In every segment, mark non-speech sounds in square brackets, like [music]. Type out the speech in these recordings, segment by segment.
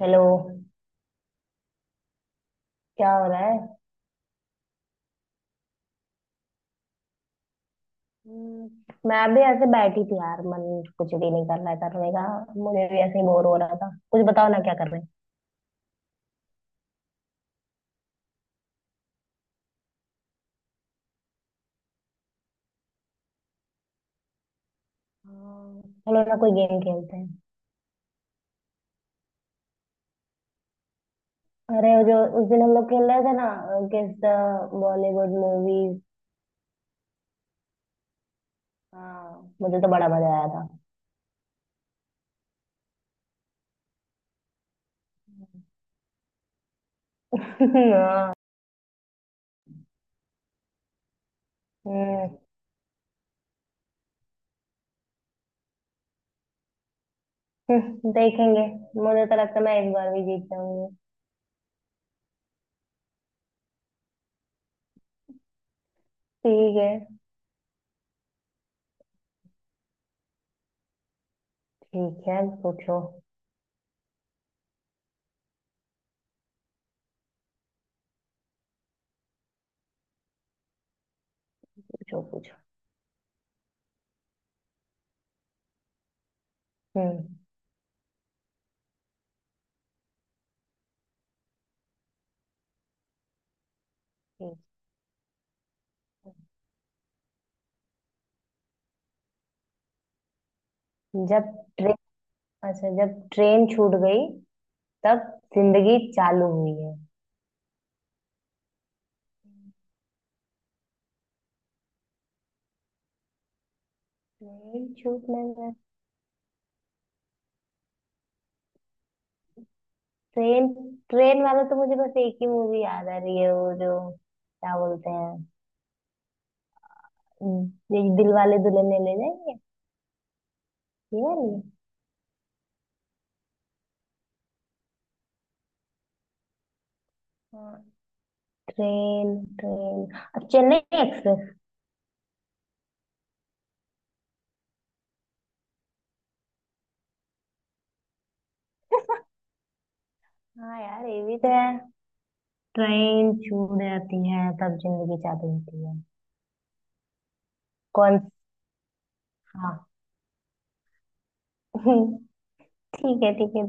Hello. क्या हो रहा है? हम्म, मैं भी ऐसे बैठी थी यार, मन कुछ भी नहीं कर रहा था तो मैं कहा मुझे भी ऐसे ही बोर हो रहा था, कुछ बताओ ना क्या कर रहे हैं। हाँ, चलो ना कोई गेम खेलते हैं। अरे वो जो उस दिन हम लोग खेल रहे थे ना, किस बॉलीवुड मूवीज। हाँ, मुझे तो बड़ा मजा आया था। [laughs] हाँ। हम्म, देखेंगे। मुझे तो लगता है मैं इस बार भी जीत जाऊंगी। ठीक है। ठीक है, पूछो। पूछो पूछो। हम्म। ठीक है। जब अच्छा, जब ट्रेन छूट गई तब जिंदगी चालू हुई है। ट्रेन छूटने में ट्रेन ट्रेन वाला तो मुझे बस एक ही मूवी याद आ रही है, वो जो क्या बोलते हैं, हम्म, ये दिल वाले दुल्हनिया ले जाएंगे, ये वाली। हाँ। ट्रेन ट्रेन अब चेन्नई एक्सप्रेस। हाँ यार, ये भी तो है। ट्रेन छूट जाती है तब जिंदगी चालू होती है। कौन? हाँ। [laughs] ठीक है, ठीक है।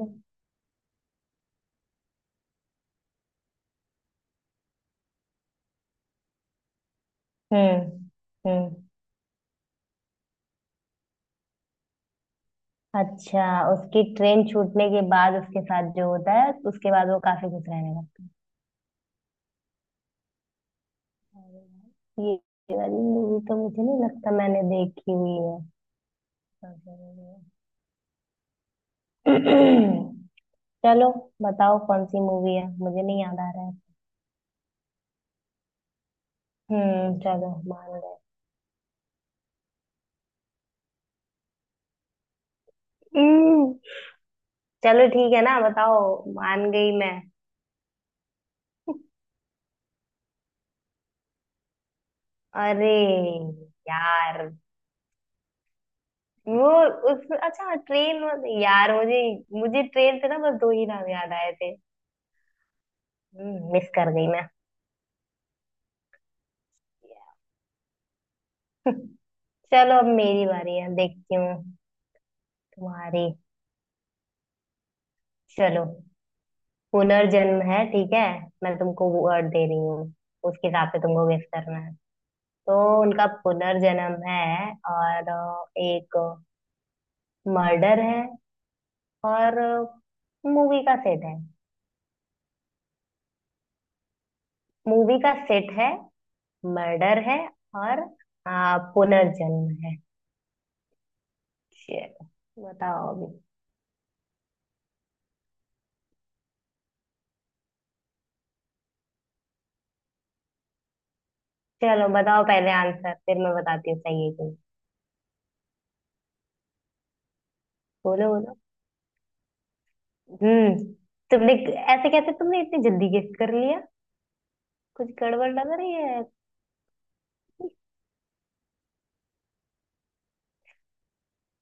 हम्म। हम्म, अच्छा, उसकी ट्रेन छूटने के बाद उसके साथ जो होता है तो उसके बाद वो काफी खुश रहने लगता है। अरे यार, ये वाली मूवी तो मुझे नहीं लगता मैंने देखी हुई है। सबसे बढ़िया। [clears throat] चलो, बताओ कौन सी मूवी है, मुझे नहीं याद आ रहा है। हम्म, चलो मान गए। हम्म, चलो ठीक है ना, बताओ, मान गई मैं। अरे यार, वो उस, अच्छा ट्रेन। यार, मुझे मुझे ट्रेन से ना बस दो ही नाम याद आए थे, मिस कर गई मैं। [laughs] चलो, अब मेरी बारी है, देखती हूँ तुम्हारी। चलो, पुनर्जन्म है, ठीक है, मैं तुमको वर्ड दे रही हूँ उसके हिसाब से तुमको गेस करना है। तो उनका पुनर्जन्म है, और एक मर्डर है, और मूवी का सेट है। मूवी का सेट है, मर्डर है, और पुनर्जन्म है। चलो बताओ अभी। चलो बताओ पहले आंसर, फिर मैं बताती हूँ सही है कि नहीं। बोलो बोलो। हम्म। तुमने, ऐसे कैसे तुमने इतनी जल्दी गेस कर लिया, कुछ गड़बड़ लग रही है।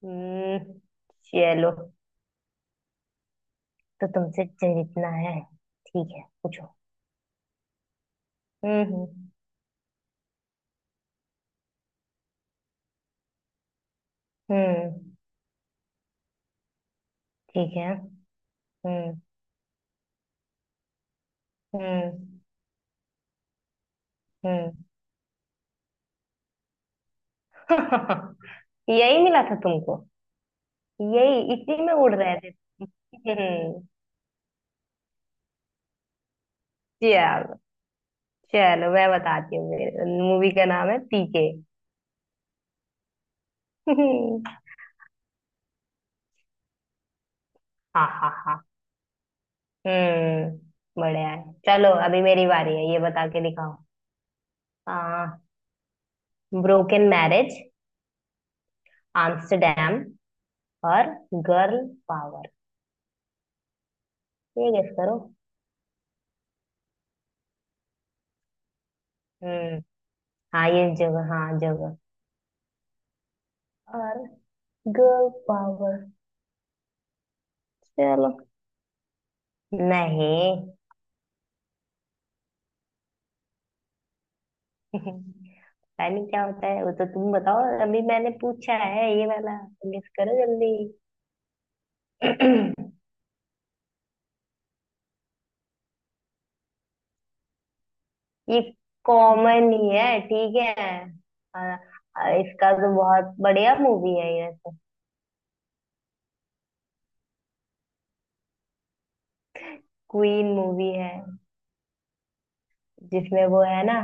हम्म, चलो, तो तुमसे जीतना है। ठीक है, पूछो। हम्म। हम्म, ठीक है। हम्म। हम्म। हम्म। [laughs] यही मिला था तुमको, यही, इसी में उड़ रहे थे। हम्म, चलो। चलो मैं बताती हूँ, मूवी का नाम है पीके। [laughs] हाँ हाँ हाँ। हम्म, बढ़िया है। चलो, अभी मेरी बारी है, ये बता के दिखाओ। आ, ब्रोकन मैरिज, आम्स्टरडैम, और गर्ल पावर। ये गेस करो। हम्म। हाँ, ये जगह, हाँ जगह, और गर्ल पावर। चलो। नहीं। [laughs] पता नहीं क्या होता है वो, तो तुम बताओ, अभी मैंने पूछा है ये वाला, गेस करो जल्दी। [clears throat] ये कॉमन ही है, ठीक है, और इसका तो बहुत बढ़िया मूवी है ये। क्वीन मूवी है, जिसमें वो है ना,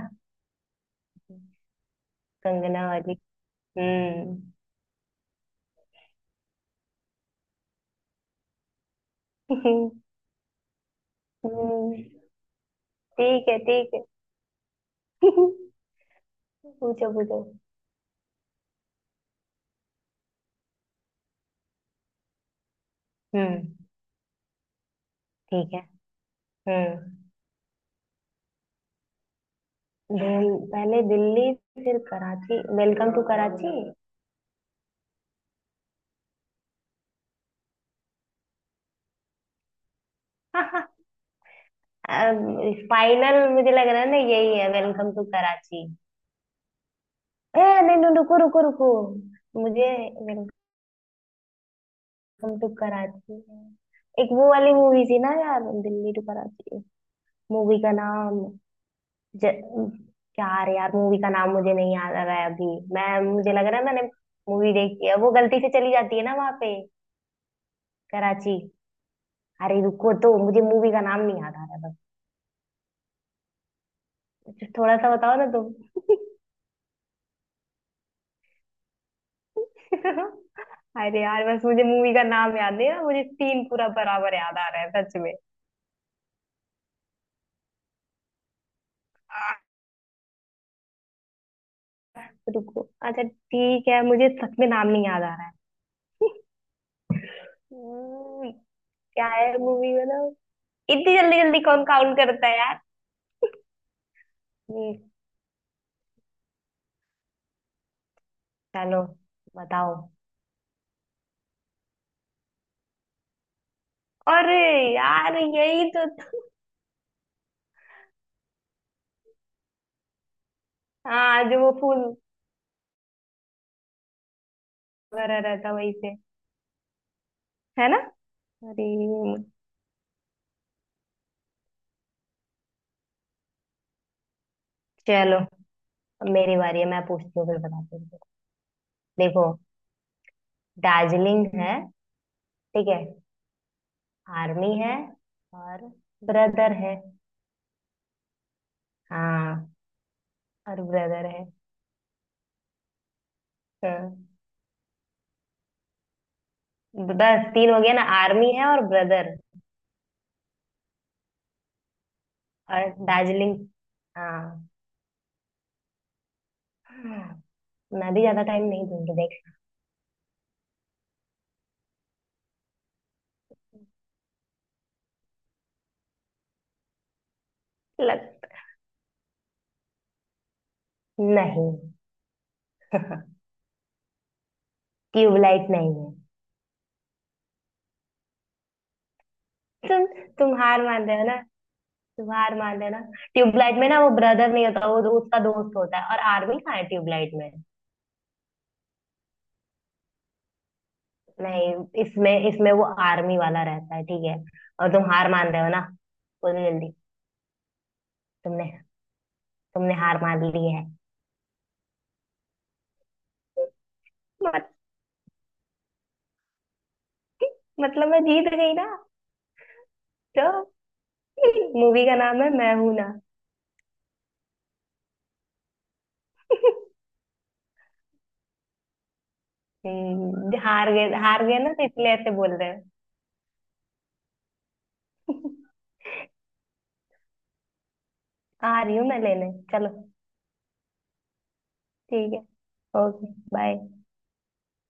कंगना वाली। हम्म। [laughs] हम्म, ठीक है ठीक है। [laughs] पूछो पूछो। हम्म, ठीक है। हम्म। दिल- पहले दिल्ली, फिर कराची, वेलकम टू कराची। [laughs] अब, फाइनल मुझे लग रहा है ना, यही है वेलकम टू कराची। ए, नहीं नहीं, रुको रुको रुको, मुझे वेलकम टू कराची है। एक वो वाली मूवी थी ना यार, दिल्ली टू कराची, मूवी का नाम, ज, यार यार, मूवी का नाम मुझे नहीं याद आ रहा है अभी। मैं मुझे लग रहा है मैंने मूवी देखी है, वो गलती से चली जाती है ना वहां पे, कराची। अरे रुको तो, मुझे मूवी का नाम नहीं याद आ रहा है, बस थोड़ा सा बताओ ना तुम। [laughs] अरे यार, बस मुझे मूवी का नाम याद नहीं आ रहा, मुझे सीन पूरा बराबर याद आ रहा है सच में। आह, रुको, अच्छा ठीक है, मुझे सच में नाम नहीं याद आ रहा है। हम्म, क्या है मूवी मतलब? इतनी जल्दी जल्दी कौन काउंट करता है यार। हम्म, चलो बताओ। अरे यार, यही तो था। हाँ, जो वो फूल वगैरह रहता वहीं पे, है ना। अरे, चलो अब मेरी बारी है, मैं पूछती हूँ फिर बताती हूँ। देखो, दार्जिलिंग है, ठीक है, आर्मी है, और ब्रदर है। हाँ। और ब्रदर है। हाँ, बस तीन हो गया ना, आर्मी है, और ब्रदर, और दार्जिलिंग। हाँ। मैं भी ज्यादा टाइम नहीं दूंगी देख। लग, नहीं, ट्यूबलाइट नहीं है। तुम तुम हार मान रहे हो ना। हार मान लेना। ट्यूबलाइट में ना वो ब्रदर नहीं होता, वो उसका दोस्त होता है, और आर्मी कहाँ है ट्यूबलाइट में? नहीं, इसमें इसमें वो आर्मी वाला रहता है, ठीक है, और तुम हार मान रहे हो ना, बोलो जल्दी। तुमने, तुमने हार मान ली है। मत, मतलब मैं जीत गई ना। तो मूवी का नाम है मैं हूं ना। हार गए ना, तो इसलिए ऐसे बोल रहे हो। [laughs] आ रही हूँ मैं लेने, चलो, ठीक है, ओके बाय।